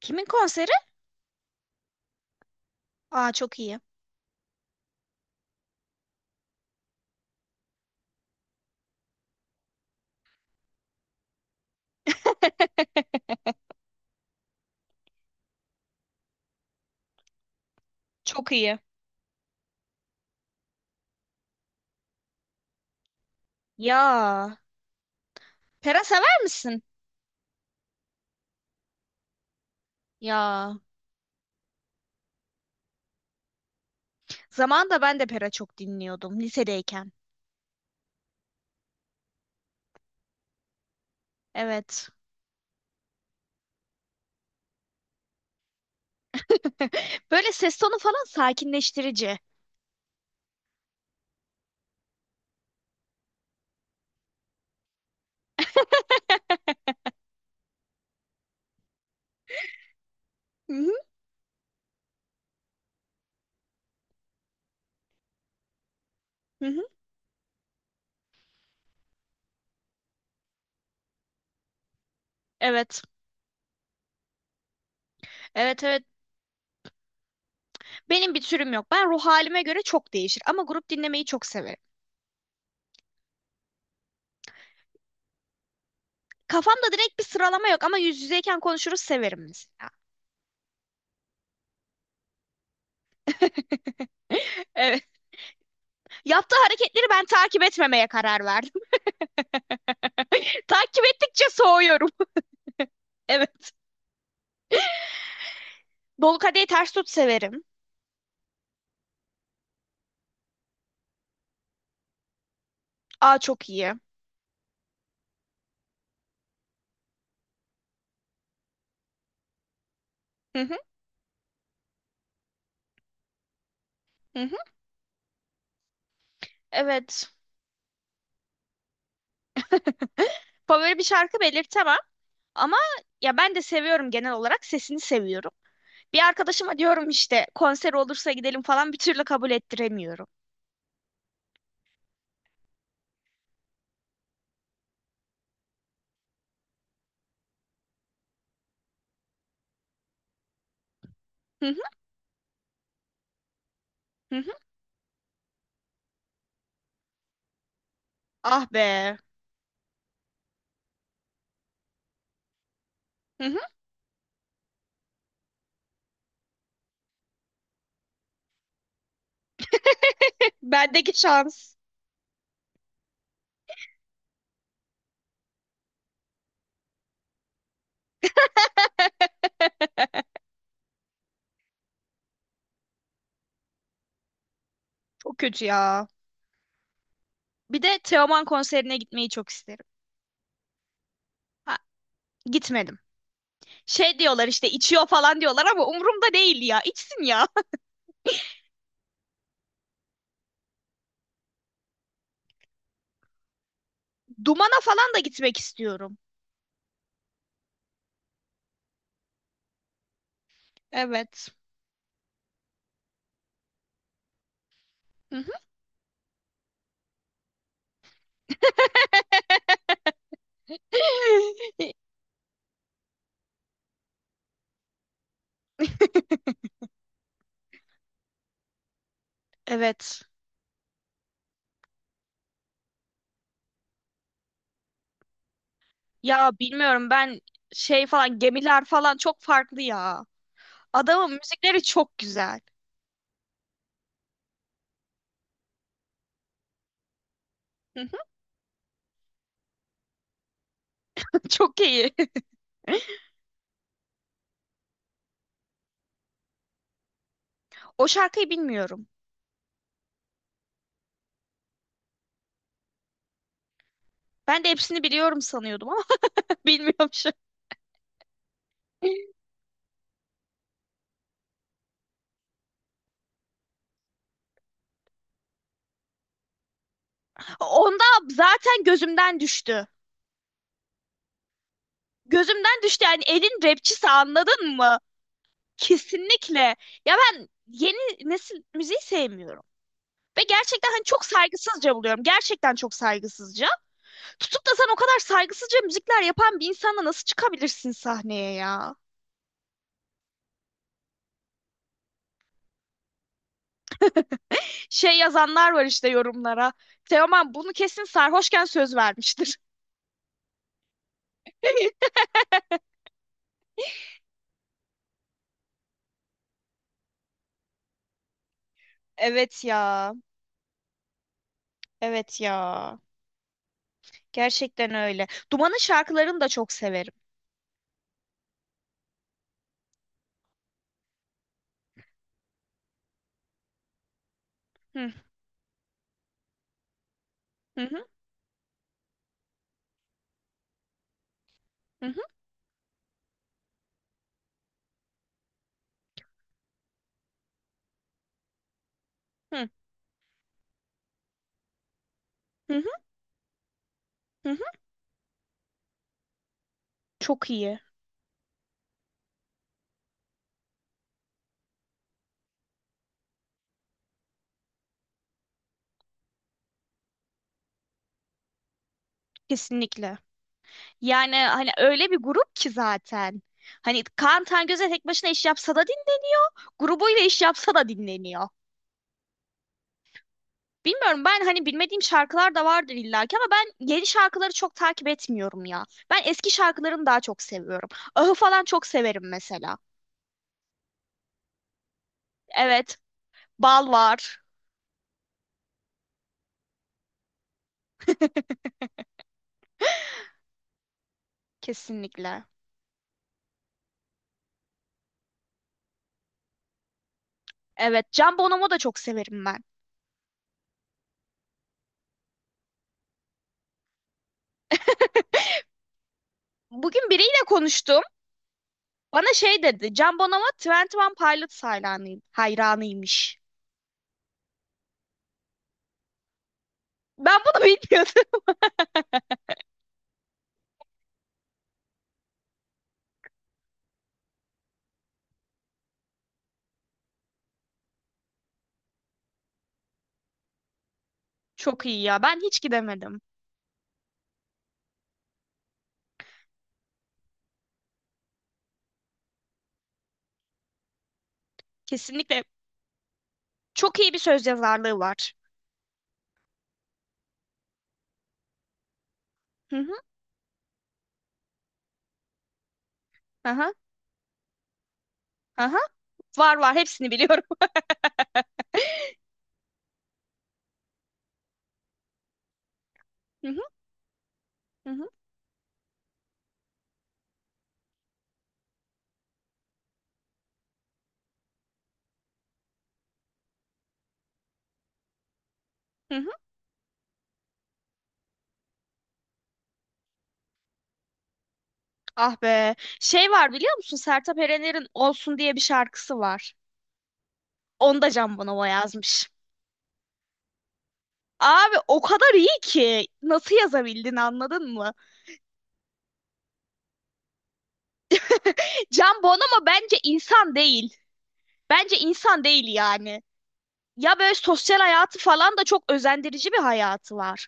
Kimin konseri? Aa, çok iyi. Çok iyi. Ya. Pera sever misin? Ya. Zamanında ben de Pera çok dinliyordum lisedeyken. Evet. Böyle ses tonu falan sakinleştirici. Hı hı, hı hı. Evet. Evet, evet. Benim bir türüm yok. Ben ruh halime göre çok değişir ama grup dinlemeyi çok severim. Kafamda direkt bir sıralama yok ama yüz yüzeyken konuşuruz severim mesela. Evet. Yaptığı hareketleri ben takip etmemeye karar verdim. Takip ettikçe soğuyorum. Evet. Dolu kadehi ters tut severim. Aa, çok iyi. Hı hı, hı hı. Evet. Favori bir şarkı belirtemem ama ya ben de seviyorum, genel olarak sesini seviyorum. Bir arkadaşıma diyorum işte, konser olursa gidelim falan, bir türlü kabul ettiremiyorum. Hı hı, hı hı. Ah be. Hı hı. Bendeki şans. Çok kötü ya. Bir de Teoman konserine gitmeyi çok isterim. Ha, gitmedim. Şey diyorlar işte, içiyor falan diyorlar ama umurumda değil ya. İçsin ya. Dumana falan da gitmek istiyorum. Evet. Hı hı. Evet. Ya bilmiyorum ben, şey falan, gemiler falan çok farklı ya. Adamın müzikleri çok güzel. Hı hı, çok iyi. O şarkıyı bilmiyorum. Ben de hepsini biliyorum sanıyordum ama bilmiyormuşum. Onda zaten gözümden düştü. Gözümden düştü yani, elin rapçisi, anladın mı? Kesinlikle. Ya ben yeni nesil müziği sevmiyorum. Ve gerçekten hani çok saygısızca buluyorum. Gerçekten çok saygısızca. Tutup da sen o kadar saygısızca müzikler yapan bir insanla nasıl çıkabilirsin sahneye ya? Şey yazanlar var işte yorumlara. Teoman bunu kesin sarhoşken söz vermiştir. Evet ya. Evet ya. Gerçekten öyle. Duman'ın şarkılarını da çok severim. Hı hı, hı hı, hı hı, hı. Hı. Çok iyi. Kesinlikle. Yani hani öyle bir grup ki zaten. Hani Kaan Tangöze tek başına iş yapsa da dinleniyor. Grubuyla iş yapsa da dinleniyor. Bilmiyorum, ben hani bilmediğim şarkılar da vardır illaki ama ben yeni şarkıları çok takip etmiyorum ya. Ben eski şarkılarını daha çok seviyorum. Ahı falan çok severim mesela. Evet, Bal var kesinlikle. Evet, Can Bonomo da çok severim ben. Bugün biriyle konuştum. Bana şey dedi. Can Bonomo Twenty One Pilots hayranıyım, hayranıymış. Ben bunu bilmiyordum. Çok iyi ya. Ben hiç gidemedim. Kesinlikle, çok iyi bir söz yazarlığı var. Hı hı, aha, aha. Var var, hepsini biliyorum. Hı hı, hı hı, hı hı. Ah be. Şey var biliyor musun? Sertab Erener'in Olsun diye bir şarkısı var. Onu da Can Bonomo yazmış. Abi o kadar iyi ki. Nasıl yazabildin, anladın mı? Can Bonomo bence insan değil. Bence insan değil yani. Ya böyle sosyal hayatı falan da çok özendirici bir hayatı var.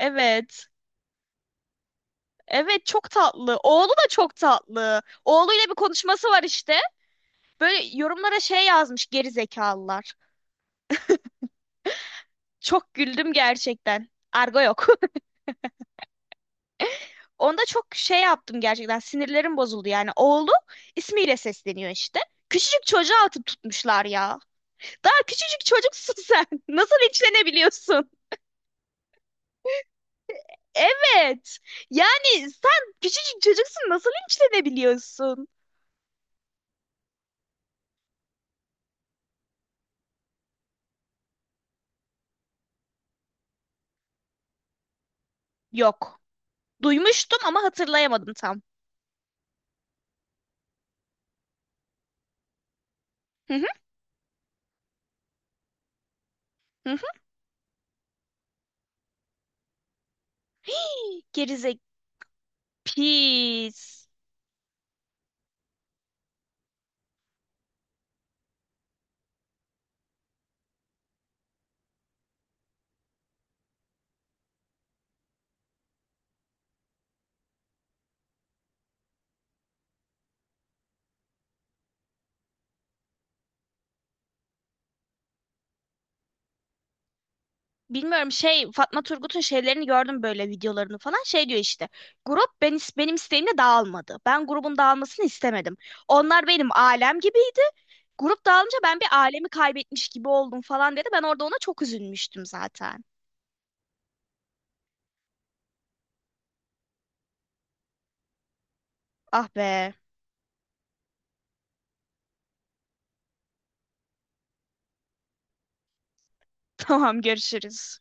Evet. Evet çok tatlı. Oğlu da çok tatlı. Oğluyla bir konuşması var işte. Böyle yorumlara şey yazmış geri zekalılar. Çok güldüm gerçekten. Argo yok. Onda çok şey yaptım, gerçekten sinirlerim bozuldu yani. Oğlu ismiyle sesleniyor işte. Küçücük çocuğa atıp tutmuşlar ya. Daha küçücük çocuksun sen. Nasıl linçlenebiliyorsun? Evet. Yani sen küçücük çocuksun, nasıl linçlenebiliyorsun? Yok. Duymuştum ama hatırlayamadım tam. Hı hı. Hı hı. Gerizek, pis. Bilmiyorum, şey, Fatma Turgut'un şeylerini gördüm, böyle videolarını falan, şey diyor işte, grup benim isteğimle dağılmadı, ben grubun dağılmasını istemedim, onlar benim alem gibiydi, grup dağılınca ben bir alemi kaybetmiş gibi oldum falan dedi, ben orada ona çok üzülmüştüm zaten. Ah be. Tamam, görüşürüz.